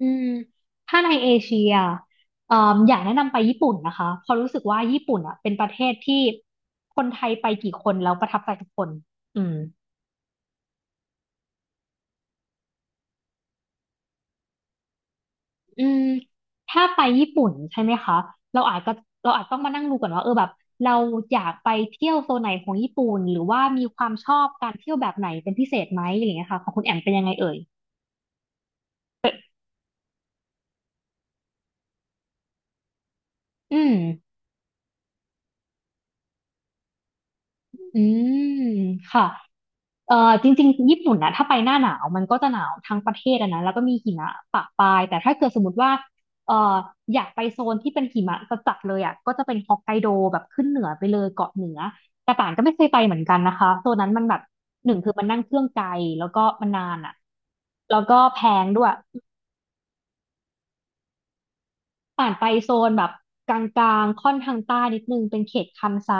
อืมถ้าในเอเชียเอ่ออยากแนะนำไปญี่ปุ่นนะคะเพราะรู้สึกว่าญี่ปุ่นอ่ะเป็นประเทศที่คนไทยไปกี่คนแล้วประทับใจทุกคนอืมอืมถ้าไปญี่ปุ่นใช่ไหมคะเราอาจก็เราอาจต้องมานั่งดูก่อนว่าเออแบบเราอยากไปเที่ยวโซนไหนของญี่ปุ่นหรือว่ามีความชอบการเที่ยวแบบไหนเป็นพิเศษไหมอะไรอย่างเงี้ยค่ะของคุณแอมเป็นยังไงเอ่ยอืมอืมค่ะ จริงๆญี่ปุ่นนะถ้าไปหน้าหนาวมันก็จะหนาวทั้งประเทศอะนะแล้วก็มีหิมะปะปลายแต่ถ้าเกิดสมมติว่าเอ่ออยากไปโซนที่เป็นหิมะจัดๆเลยอ่ะก็จะเป็นฮอกไกโดแบบขึ้นเหนือไปเลยเกาะเหนือแต่ป่านก็ไม่เคยไปเหมือนกันนะคะโซนนั้นมันแบบหนึ่งคือมันนั่งเครื่องไกลแล้วก็มันนานอ่ะแล้วก็แพงด้วยป่านไปโซนแบบกลางๆค่อนทางใต้นิดนึงเป็นเขตคันไซ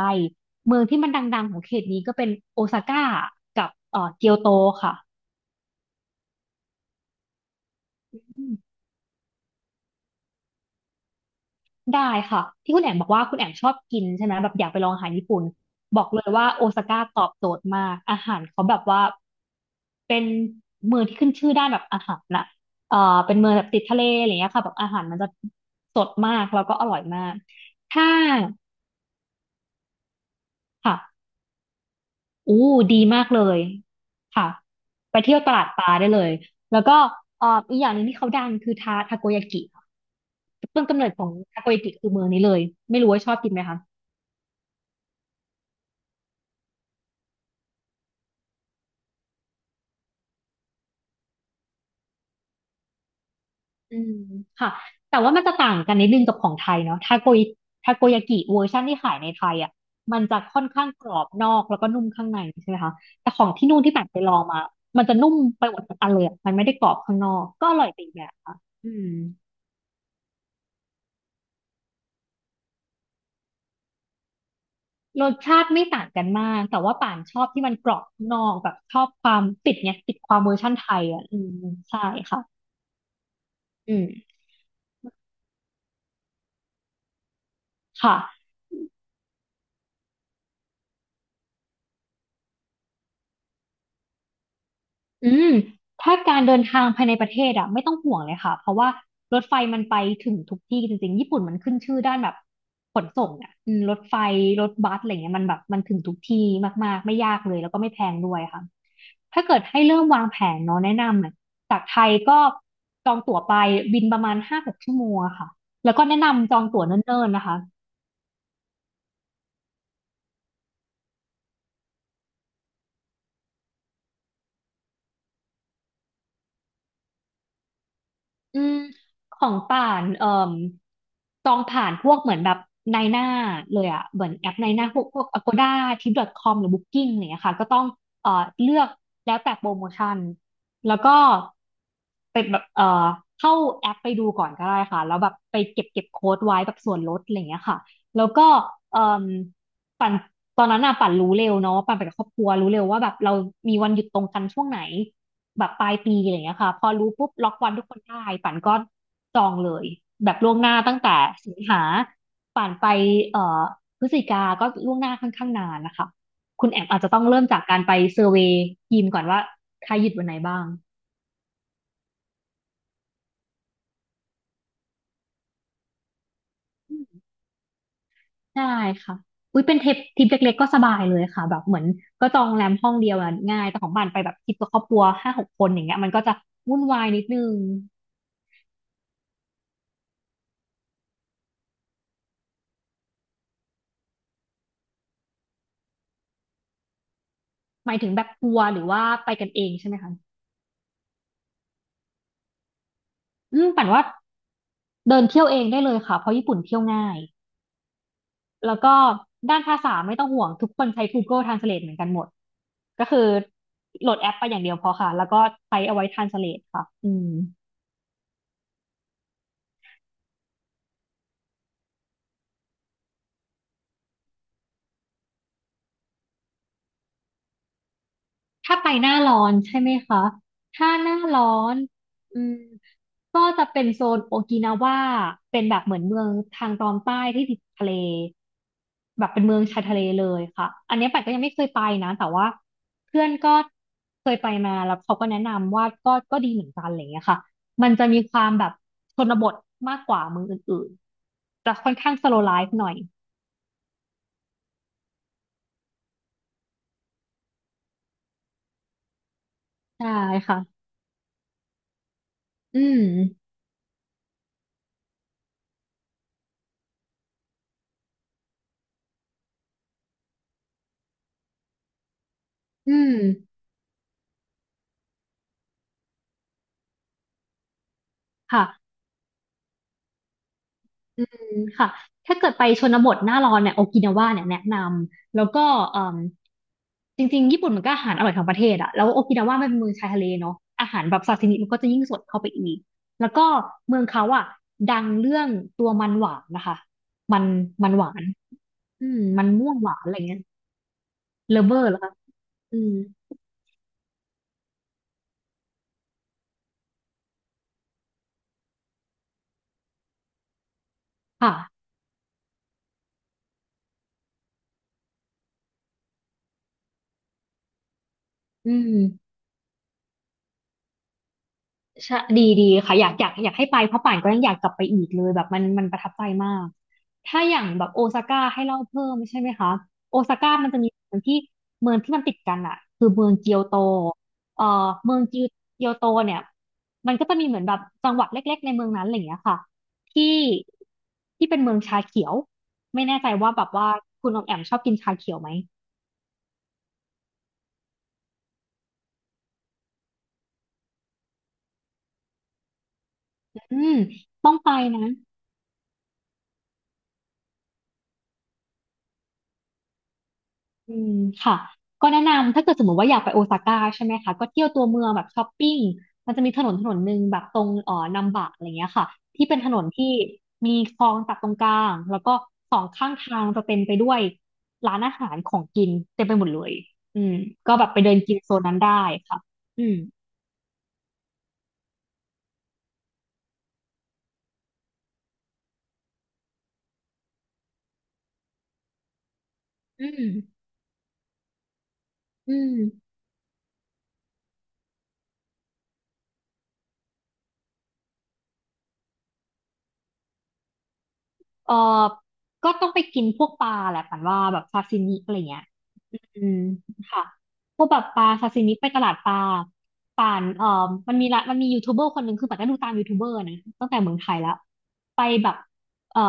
เมืองที่มันดังๆของเขตนี้ก็เป็นโอซาก้ากับเกียวโตค่ะ ได้ค่ะที่คุณแอมบอกว่าคุณแอมชอบกินใช่ไหมแบบอยากไปลองอาหารญี่ปุ่นบอกเลยว่าโอซาก้าตอบโจทย์มากอาหารเขาแบบว่าเป็นเมืองที่ขึ้นชื่อด้านแบบอาหารน่ะเอ่อเป็นเมืองแบบติดทะเลอะไรเงี้ยค่ะแบบอาหารมันจะสดมากแล้วก็อร่อยมากถ้าค่ะอู้ดีมากเลยค่ะไปเที่ยวตลาดปลาได้เลยแล้วก็อีกอย่างหนึงที่เขาดังคือทาโกยากิค่ะต้นกำเนิดของทาโกยากิคือเมืองนี้เลยไม่รู้ว่าชอบกินไหมคะ อืมค่ะแต่ว่ามันจะต่างกันนิดนึงกับของไทยเนาะทาโกยากิเวอร์ชันที่ขายในไทยอ่ะมันจะค่อนข้างกรอบนอกแล้วก็นุ่มข้างในใช่ไหมคะแต่ของที่นู่นที่แบบไปลองมามันจะนุ่มไปหมดทั้งอันเลยอะมันไม่ได้กรอบข้างนอกก็อร่อยไปอีกแบบค่ะอืมรสชาติไม่ต่างกันมากแต่ว่าป่านชอบที่มันกรอบข้างนอกแบบชอบความติดเนี่ยติดความเวอร์ชันไทยอ่ะอืมใช่ค่ะอืมค่ะ อืมถ้าการเดินทางภายในประเทศอะไม่ต้องห่วงเลยค่ะเพราะว่ารถไฟมันไปถึงทุกที่จริงๆญี่ปุ่นมันขึ้นชื่อด้านแบบขนส่งอะรถไฟรถบัสอะไรเงี้ยมันแบบมันถึงทุกที่มากๆไม่ยากเลยแล้วก็ไม่แพงด้วยค่ะถ้าเกิดให้เริ่มวางแผนเนาะแนะนำเนี่ยจากไทยก็จองตั๋วไปบินประมาณห้าหกชั่วโมงอะค่ะแล้วก็แนะนำจองตั๋วเนิ่นๆนะคะ อืมของป่านจองผ่านพวกเหมือนแบบนายหน้าเลยอะเหมือนแอปนายหน้าพวก Agoda Trip.com หรือ Booking อะไรอย่างเงี้ยค่ะก็ต้องเอ่อเลือกแล้วแต่โปรโมชั่นแล้วก็เป็นแบบเข้าแอปไปดูก่อนก็ได้ค่ะแล้วแบบไปเก็บโค้ดไว้แบบส่วนลดอะไรอย่างเงี้ยค่ะแล้วก็เอ่อ ปั่นตอนนั้นน่ะปั่นรู้เร็วเนาะปั่นไปกับครอบครัวรู้เร็วว่าแบบเรามีวันหยุดตรงกันช่วงไหนแบบปลายปีอะไรอย่างเงี้ยค่ะพอรู้ปุ๊บล็อกวันทุกคนได้ปั่นก็จองเลยแบบล่วงหน้าตั้งแต่สิงหาปั่นไปเอ่อพฤศจิกา ก็ล่วงหน้าค่อนข้างนานนะคะคุณแอมอาจจะต้องเริ่มจากการไปเซอร์เวย์ทีมก่อนว่าใครหยุดวันไหนบ้าง ได้ค่ะ อุ้ยเป็นทริปเล็กๆก็สบายเลยค่ะแบบเหมือนก็จองโรงแรมห้องเดียวอะง่ายแต่ของบ้านไปแบบทริปกับครอบครัวห้าหกคนอย่างเงี้ยมันก็จะวุ่นวายนิดนึงหมายถึงแบบทัวร์หรือว่าไปกันเองใช่ไหมคะปั่นว่าเดินเที่ยวเองได้เลยค่ะเพราะญี่ปุ่นเที่ยวง่ายแล้วก็ด้านภาษาไม่ต้องห่วงทุกคนใช้ Google Translate เหมือนกันหมดก็คือโหลดแอปไปอย่างเดียวพอค่ะแล้วก็ใช้เอาไว้ Translate ค่ะอืม ถ้าไปหน้าร้อนใช่ไหมคะถ้าหน้าร้อนอืมก็จะเป็นโซนโอกินาวาเป็นแบบเหมือนเมืองทางตอนใต้ที่ติดทะเลแบบเป็นเมืองชายทะเลเลยค่ะอันนี้ปัดก็ยังไม่เคยไปนะแต่ว่าเพื่อนก็เคยไปมาแล้วเขาก็แนะนำว่าก็ดีเหมือนกันอะไรอย่างเงี้ยค่ะมันจะมีความแบบชนบทมากกว่าเมืองอื่นๆจะค่อนข้างสโลว์ไลฟ์หน่อยใช่ค่ะอืมอืมค่ะ อืมค่ะถ้าเกิดไปชนบทหน้าร้อนเนี่ยโอกินาวาเนี่ยแนะนำแล้วก็เอ่มจริงๆญี่ปุ่นมันก็อาหารอร่อยทั้งประเทศอะแล้วโอกินาวามันเป็นเมืองชายทะเลเนาะอาหารแบบซาซิมิมันก็จะยิ่งสดเข้าไปอีกแล้วก็เมืองเขาอะดังเรื่องตัวมันหวานนะคะมันมันหวานอืมมันม่วงหวานอะไรเงี้ยเลเวอร์เหรอคะอืมค่ะอืม ใช่ดีดีค่ะอยากให้ไปเพราะป่านก็ยังอยากกลับไปอีกเลยแบบมันประทับใจมากถ้าอย่างแบบโอซาก้าให้เล่าเพิ่มใช่ไหมคะโอซาก้ามันจะมีเมืองที่มันติดกันอะคือเมืองเกียวโตเอ่อเมืองจิวเกียวโตเนี่ยมันก็จะมีเหมือนแบบจังหวัดเล็กๆในเมืองนั้นอะไรอย่างเงี้ยค่ะที่ที่เป็นเมืองชาเขียวไม่แน่ใจว่าแบบว่าคุณออมแอมชอบกินชาเขียวไหมอืมต้องไปนะ อืมค่ะก็แนะนำถ้าเกิดสมมติว่าอยากไปโอซาก้าใช่ไหมคะก็เที่ยวตัวเมืองแบบช้อปปิ้งมันจะมีถนนหนึ่งแบบตรงนัมบะอะไรเงี้ยค่ะที่เป็นถนนที่มีคลองตัดตรงกลางแล้วก็สองข้างทางจะเต็มไปด้วยร้านอาหารของกินเต็มไปหมดเลยอืมก็แบบไปเดินกินโซนนั้นได้ค่ะอืมอืมอืมเออก็ต้องไปกินพวกปลาแหละฝันว่าแบบซาซิมิอะไรเงี้ยอืมค่ะพวกแบบปลาซาซิมิไปตลาดปลา เอ่อมันมียูทูบเบอร์คนหนึ่งคือปัดก็ดูตามยูทูบเบอร์นะตั้งแต่เมืองไทยแล้วไปแบบเอ่อ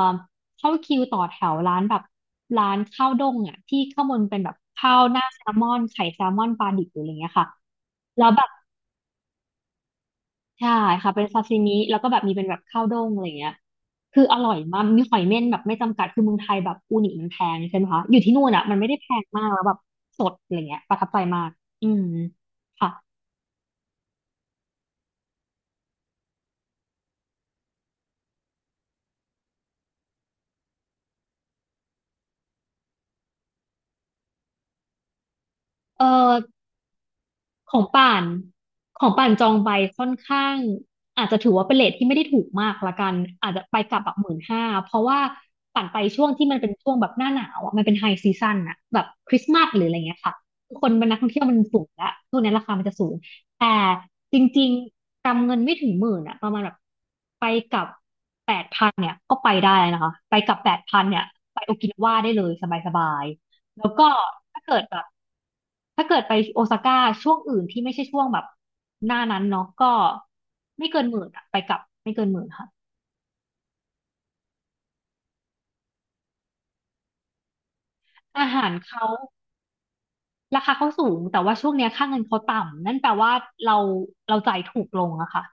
เข้าคิวต่อแถวร้านแบบร้านข้าวด้งอ่ะที่ข้างบนเป็นแบบข้าวหน้าแซลมอนไข่แซลมอนปลาดิบหรืออะไรเงี้ยค่ะแล้วแบบใช่ค่ะเป็นซาซิมิแล้วก็แบบมีเป็นแบบข้าวด้งอะไรเงี้ยคืออร่อยมากมีหอยเม่นแบบไม่จำกัดคือเมืองไทยแบบอูนิมันแพงใช่ไหมคะอยู่ที่นู่นอ่ะมันไม่ได้แพงมากแล้วแบบสดอะไรเงี้ยประทับใจมากอืมค่ะเออ ของป่านของป่านจองไปค่อนข้างอาจจะถือว่าเป็นเรทที่ไม่ได้ถูกมากละกันอาจจะไปกลับแบบ15,000เพราะว่าป่านไปช่วงที่มันเป็นช่วงแบบหน้าหนาวอะมันเป็นไฮซีซั o นอะแบบคริสต์มาสหรืออะไรเงี้ยค่ะคนมันนักท่องเที่ยวมันสูงละช่วงนี้ราคามันจะสูงแต่จริงๆกำเงินไม่ถึงหมื่นอะประมาณแบบไปกลับแปดพันเนี่ยก็ไปได้นะคะไปกลับแปดพันเนี่ยไปโอกินาวาได้เลยสบาย แล้วก็ถ้าเกิดแบบถ้าเกิดไปโอซาก้าช่วงอื่นที่ไม่ใช่ช่วงแบบหน้านั้นเนาะก็ไม่เกินหมื่นอะไปกลับไม่เกินหมื่นค่ะอาหารเขาราคาเขาสูงแต่ว่าช่วงเนี้ยค่าเงินเขาต่ำนั่นแปลว่าเราเราจ่ายถูกลงอะค่ะ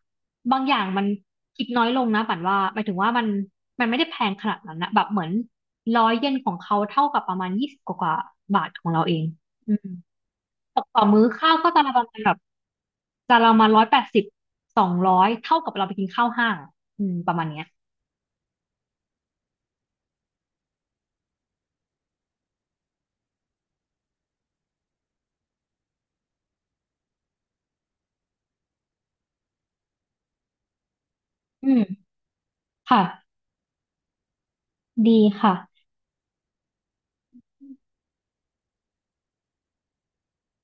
บางอย่างมันคิดน้อยลงนะปันว่าหมายถึงว่ามันไม่ได้แพงขนาดนั้นนะแบบเหมือน100 เยนของเขาเท่ากับประมาณ20กว่าๆบาทของเราเองอืม ตกต่อมื้อข้าวก็จานละประมาณแบบจานละประมาณ180200เท่ากับเราไปกินข้าวห้างอะอืมประมาณเนี้ยอืมค่ะดีค่ะ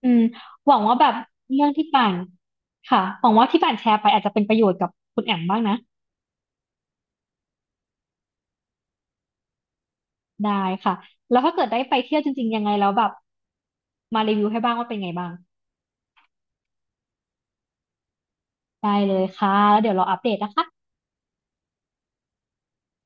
อืมหวังว่าแบบเรื่องที่ป่านค่ะหวังว่าที่ป่านแชร์ไปอาจจะเป็นประโยชน์กับคุณแอมบ้างนะได้ค่ะแล้วถ้าเกิดได้ไปเที่ยวจริงๆยังไงแล้วแบบมารีวิวให้บ้างว่าเป็นไงบ้างได้เลยค่ะแล้วเดี๋ยวเราอัปเดตนะคะ